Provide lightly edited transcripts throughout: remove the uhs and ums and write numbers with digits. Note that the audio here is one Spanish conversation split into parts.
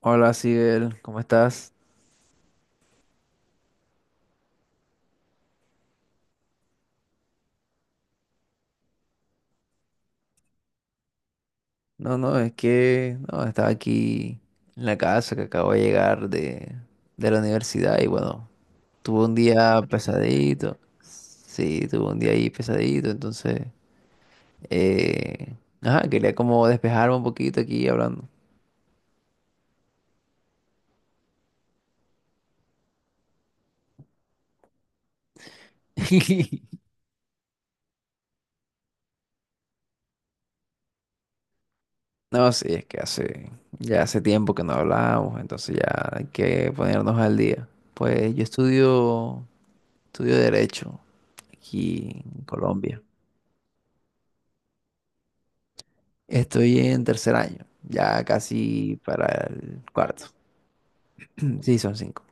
Hola, Sibel, ¿cómo estás? No, no, es que no, estaba aquí en la casa que acabo de llegar de la universidad y bueno, tuve un día pesadito. Sí, tuve un día ahí pesadito, entonces, eh, ajá, quería como despejarme un poquito aquí hablando. No, sí, es que hace, ya hace tiempo que no hablábamos, entonces ya hay que ponernos al día. Pues yo estudio, estudio derecho aquí en Colombia. Estoy en 3.er año, ya casi para el cuarto. Sí, son 5.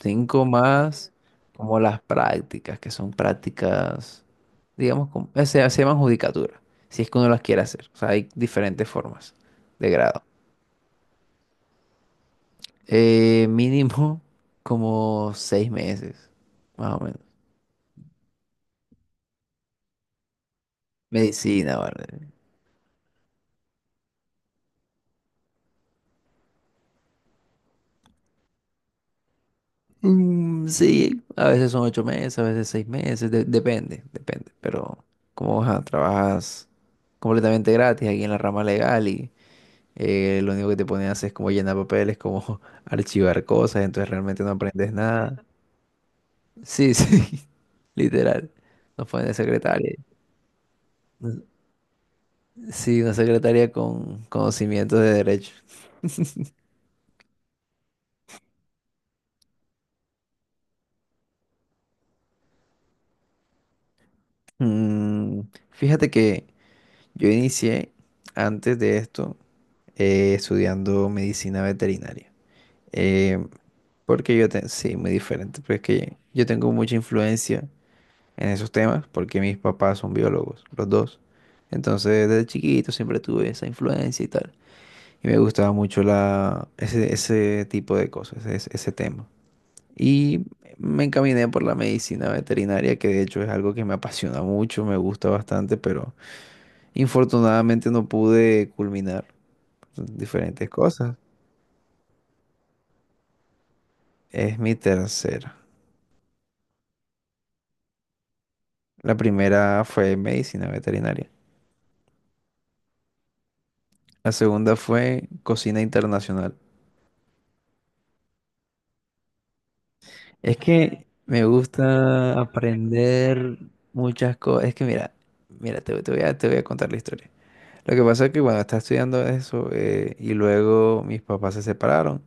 5 más como las prácticas, que son prácticas, digamos, se llaman judicatura, si es que uno las quiere hacer. O sea, hay diferentes formas de grado. Mínimo como 6 meses, más o menos. Medicina, ¿vale? Mm, sí, a veces son 8 meses, a veces 6 meses, depende, depende. Pero como ajá, trabajas completamente gratis aquí en la rama legal y lo único que te ponen a hacer es como llenar papeles, como archivar cosas, entonces realmente no aprendes nada. Sí, sí, literal. Nos ponen de secretaria. Mm, sí, una secretaria con conocimientos de derecho. Mm, fíjate que yo inicié antes de esto estudiando medicina veterinaria. Eh, sí, muy diferente, pero es que yo tengo mucha influencia en esos temas porque mis papás son biólogos, los dos. Entonces, desde chiquito siempre tuve esa influencia y tal. Y me gustaba mucho ese tipo de cosas, ese tema. Y me encaminé por la medicina veterinaria, que de hecho es algo que me apasiona mucho, me gusta bastante, pero infortunadamente no pude culminar diferentes cosas. Es mi tercera. La primera fue medicina veterinaria. La segunda fue cocina internacional. Es que me gusta aprender muchas cosas. Es que mira, mira, te voy a contar la historia. Lo que pasa es que cuando estaba estudiando eso y luego mis papás se separaron,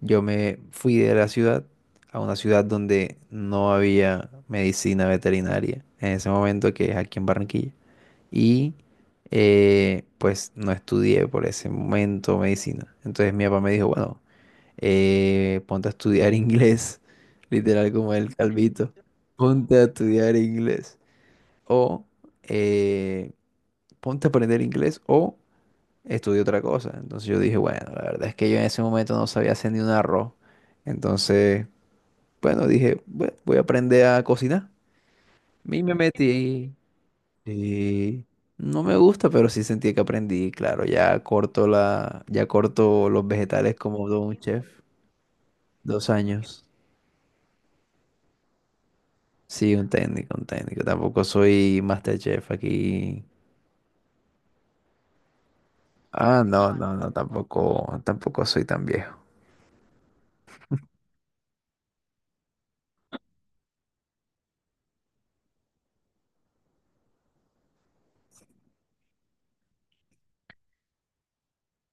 yo me fui de la ciudad a una ciudad donde no había medicina veterinaria en ese momento, que es aquí en Barranquilla. Y pues no estudié por ese momento medicina. Entonces mi papá me dijo, bueno, ponte a estudiar inglés, literal como el calvito, ponte a estudiar inglés o eh, ponte a aprender inglés o estudia otra cosa. Entonces yo dije, bueno, la verdad es que yo en ese momento no sabía hacer ni un arroz. Entonces, bueno, dije, "Bue- voy a aprender a cocinar. Y me metí. Sí, no me gusta, pero sí sentí que aprendí, claro, ya corto ya corto los vegetales como de un chef, 2 años. Sí, un técnico, un técnico. Tampoco soy MasterChef aquí. Ah, no, no, no, tampoco, tampoco soy tan viejo.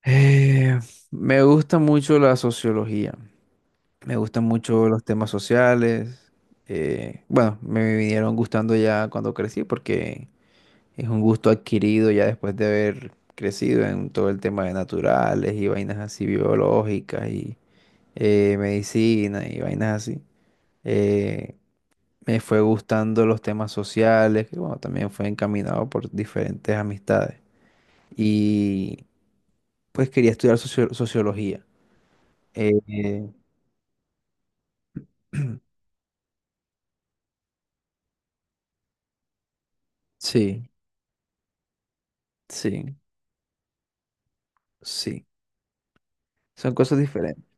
Eh, Me gusta mucho la sociología. Me gustan mucho los temas sociales. Bueno, me vinieron gustando ya cuando crecí, porque es un gusto adquirido ya después de haber crecido en todo el tema de naturales y vainas así biológicas y medicina y vainas así. Eh, Me fue gustando los temas sociales, que bueno, también fue encaminado por diferentes amistades. Y pues quería estudiar sociología. Eh, sí, sí, sí. Son cosas diferentes.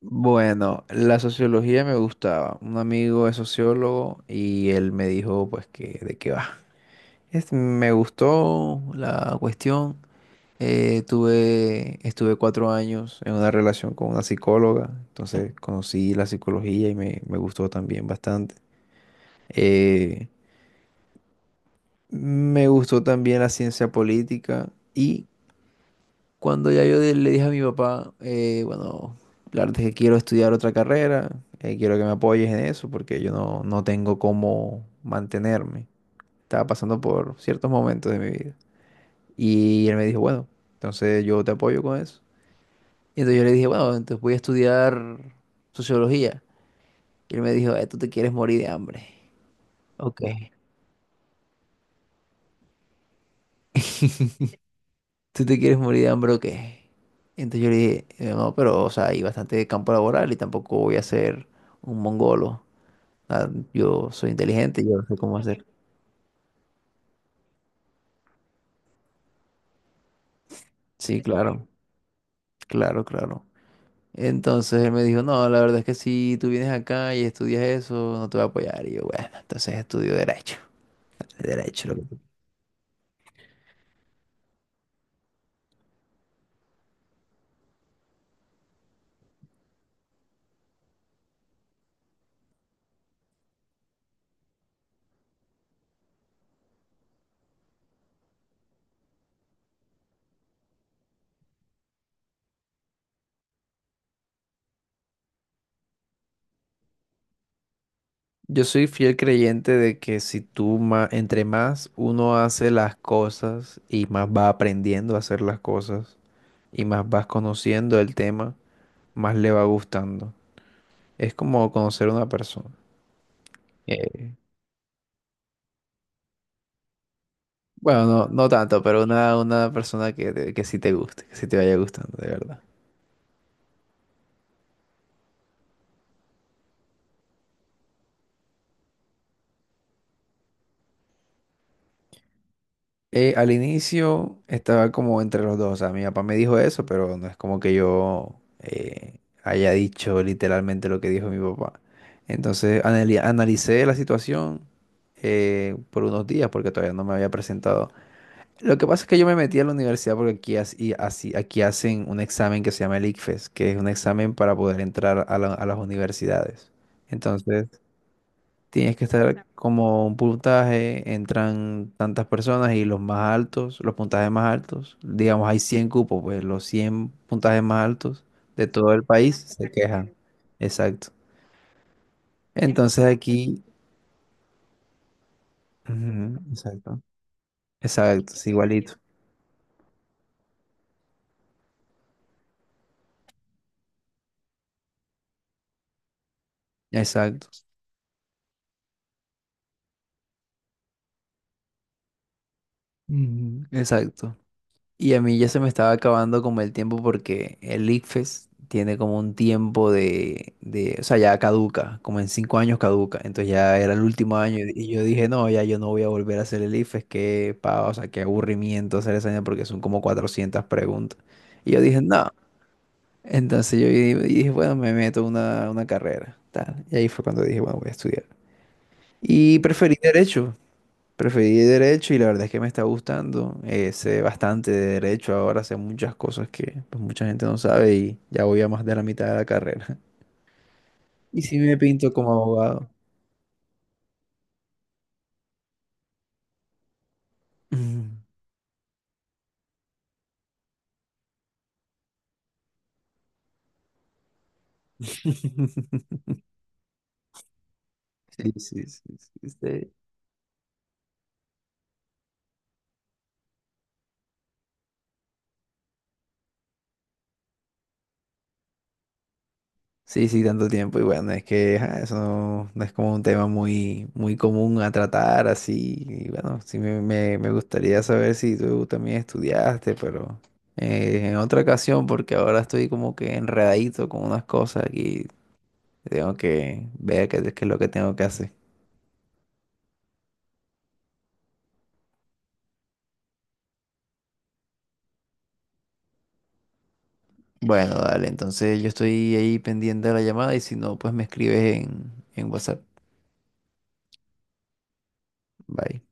Bueno, la sociología me gustaba. Un amigo es sociólogo y él me dijo pues que de qué va. Me gustó la cuestión. Estuve 4 años en una relación con una psicóloga, entonces conocí la psicología y me gustó también bastante. Eh, Me gustó también la ciencia política. Y cuando ya yo le dije a mi papá, bueno, la verdad es que quiero estudiar otra carrera, quiero que me apoyes en eso porque yo no, no tengo cómo mantenerme. Estaba pasando por ciertos momentos de mi vida. Y él me dijo, bueno, entonces yo te apoyo con eso. Y entonces yo le dije, bueno, entonces voy a estudiar sociología. Y él me dijo, tú te quieres morir de hambre. Ok. ¿Tú te quieres morir de hambre o qué? Entonces yo le dije, no, pero, o sea, hay bastante campo laboral y tampoco voy a ser un mongolo. Ah, yo soy inteligente, yo sé cómo hacer. Sí, claro, claro, claro. Entonces él me dijo, no, la verdad es que si tú vienes acá y estudias eso, no te voy a apoyar. Y yo, bueno, entonces estudio derecho. Derecho, lo que tú-". Yo soy fiel creyente de que si tú más uno hace las cosas y más va aprendiendo a hacer las cosas y más vas conociendo el tema, más le va gustando. Es como conocer a una persona. Eh, Bueno, no, no tanto, pero una persona que, que sí te guste, que sí te vaya gustando, de verdad. Al inicio estaba como entre los dos, o sea, mi papá me dijo eso, pero no es como que yo haya dicho literalmente lo que dijo mi papá. Entonces analicé la situación por unos días porque todavía no me había presentado. Lo que pasa es que yo me metí a la universidad porque aquí, aquí hacen un examen que se llama el ICFES, que es un examen para poder entrar a a las universidades. Entonces... Tienes que estar como un puntaje, entran tantas personas y los más altos, los puntajes más altos, digamos hay 100 cupos, pues los 100 puntajes más altos de todo el país se quejan. Exacto. Entonces aquí, ujú, exacto, exacto, es igualito, exacto, ujú, exacto. Y a mí ya se me estaba acabando como el tiempo, porque el ICFES tiene como un tiempo o sea, ya caduca, como en 5 años caduca. Entonces ya era el último año y yo dije, no, ya yo no voy a volver a hacer el ICFES, qué pava, o sea, qué aburrimiento hacer esa vaina porque son como 400 preguntas. Y yo dije, no. Entonces yo dije, bueno, me meto a una carrera, tal. Y ahí fue cuando dije, bueno, voy a estudiar. Y preferí derecho. Preferí derecho y la verdad es que me está gustando. Sé bastante de derecho ahora, sé muchas cosas que pues, mucha gente no sabe, y ya voy a más de la mitad de la carrera. Y sí me pinto como abogado. Ujú. Sí, sí, sí, sí, sí. Sí, sí, tanto tiempo. Y bueno, es que ajá, eso no, no es como un tema muy, muy común a tratar así. Y bueno, sí me gustaría saber si tú también estudiaste, pero en otra ocasión, porque ahora estoy como que enredadito con unas cosas aquí. Tengo que ver qué, qué es lo que tengo que hacer. Bueno, dale, entonces yo estoy ahí pendiente de la llamada y si no, pues me escribes en WhatsApp. Bye.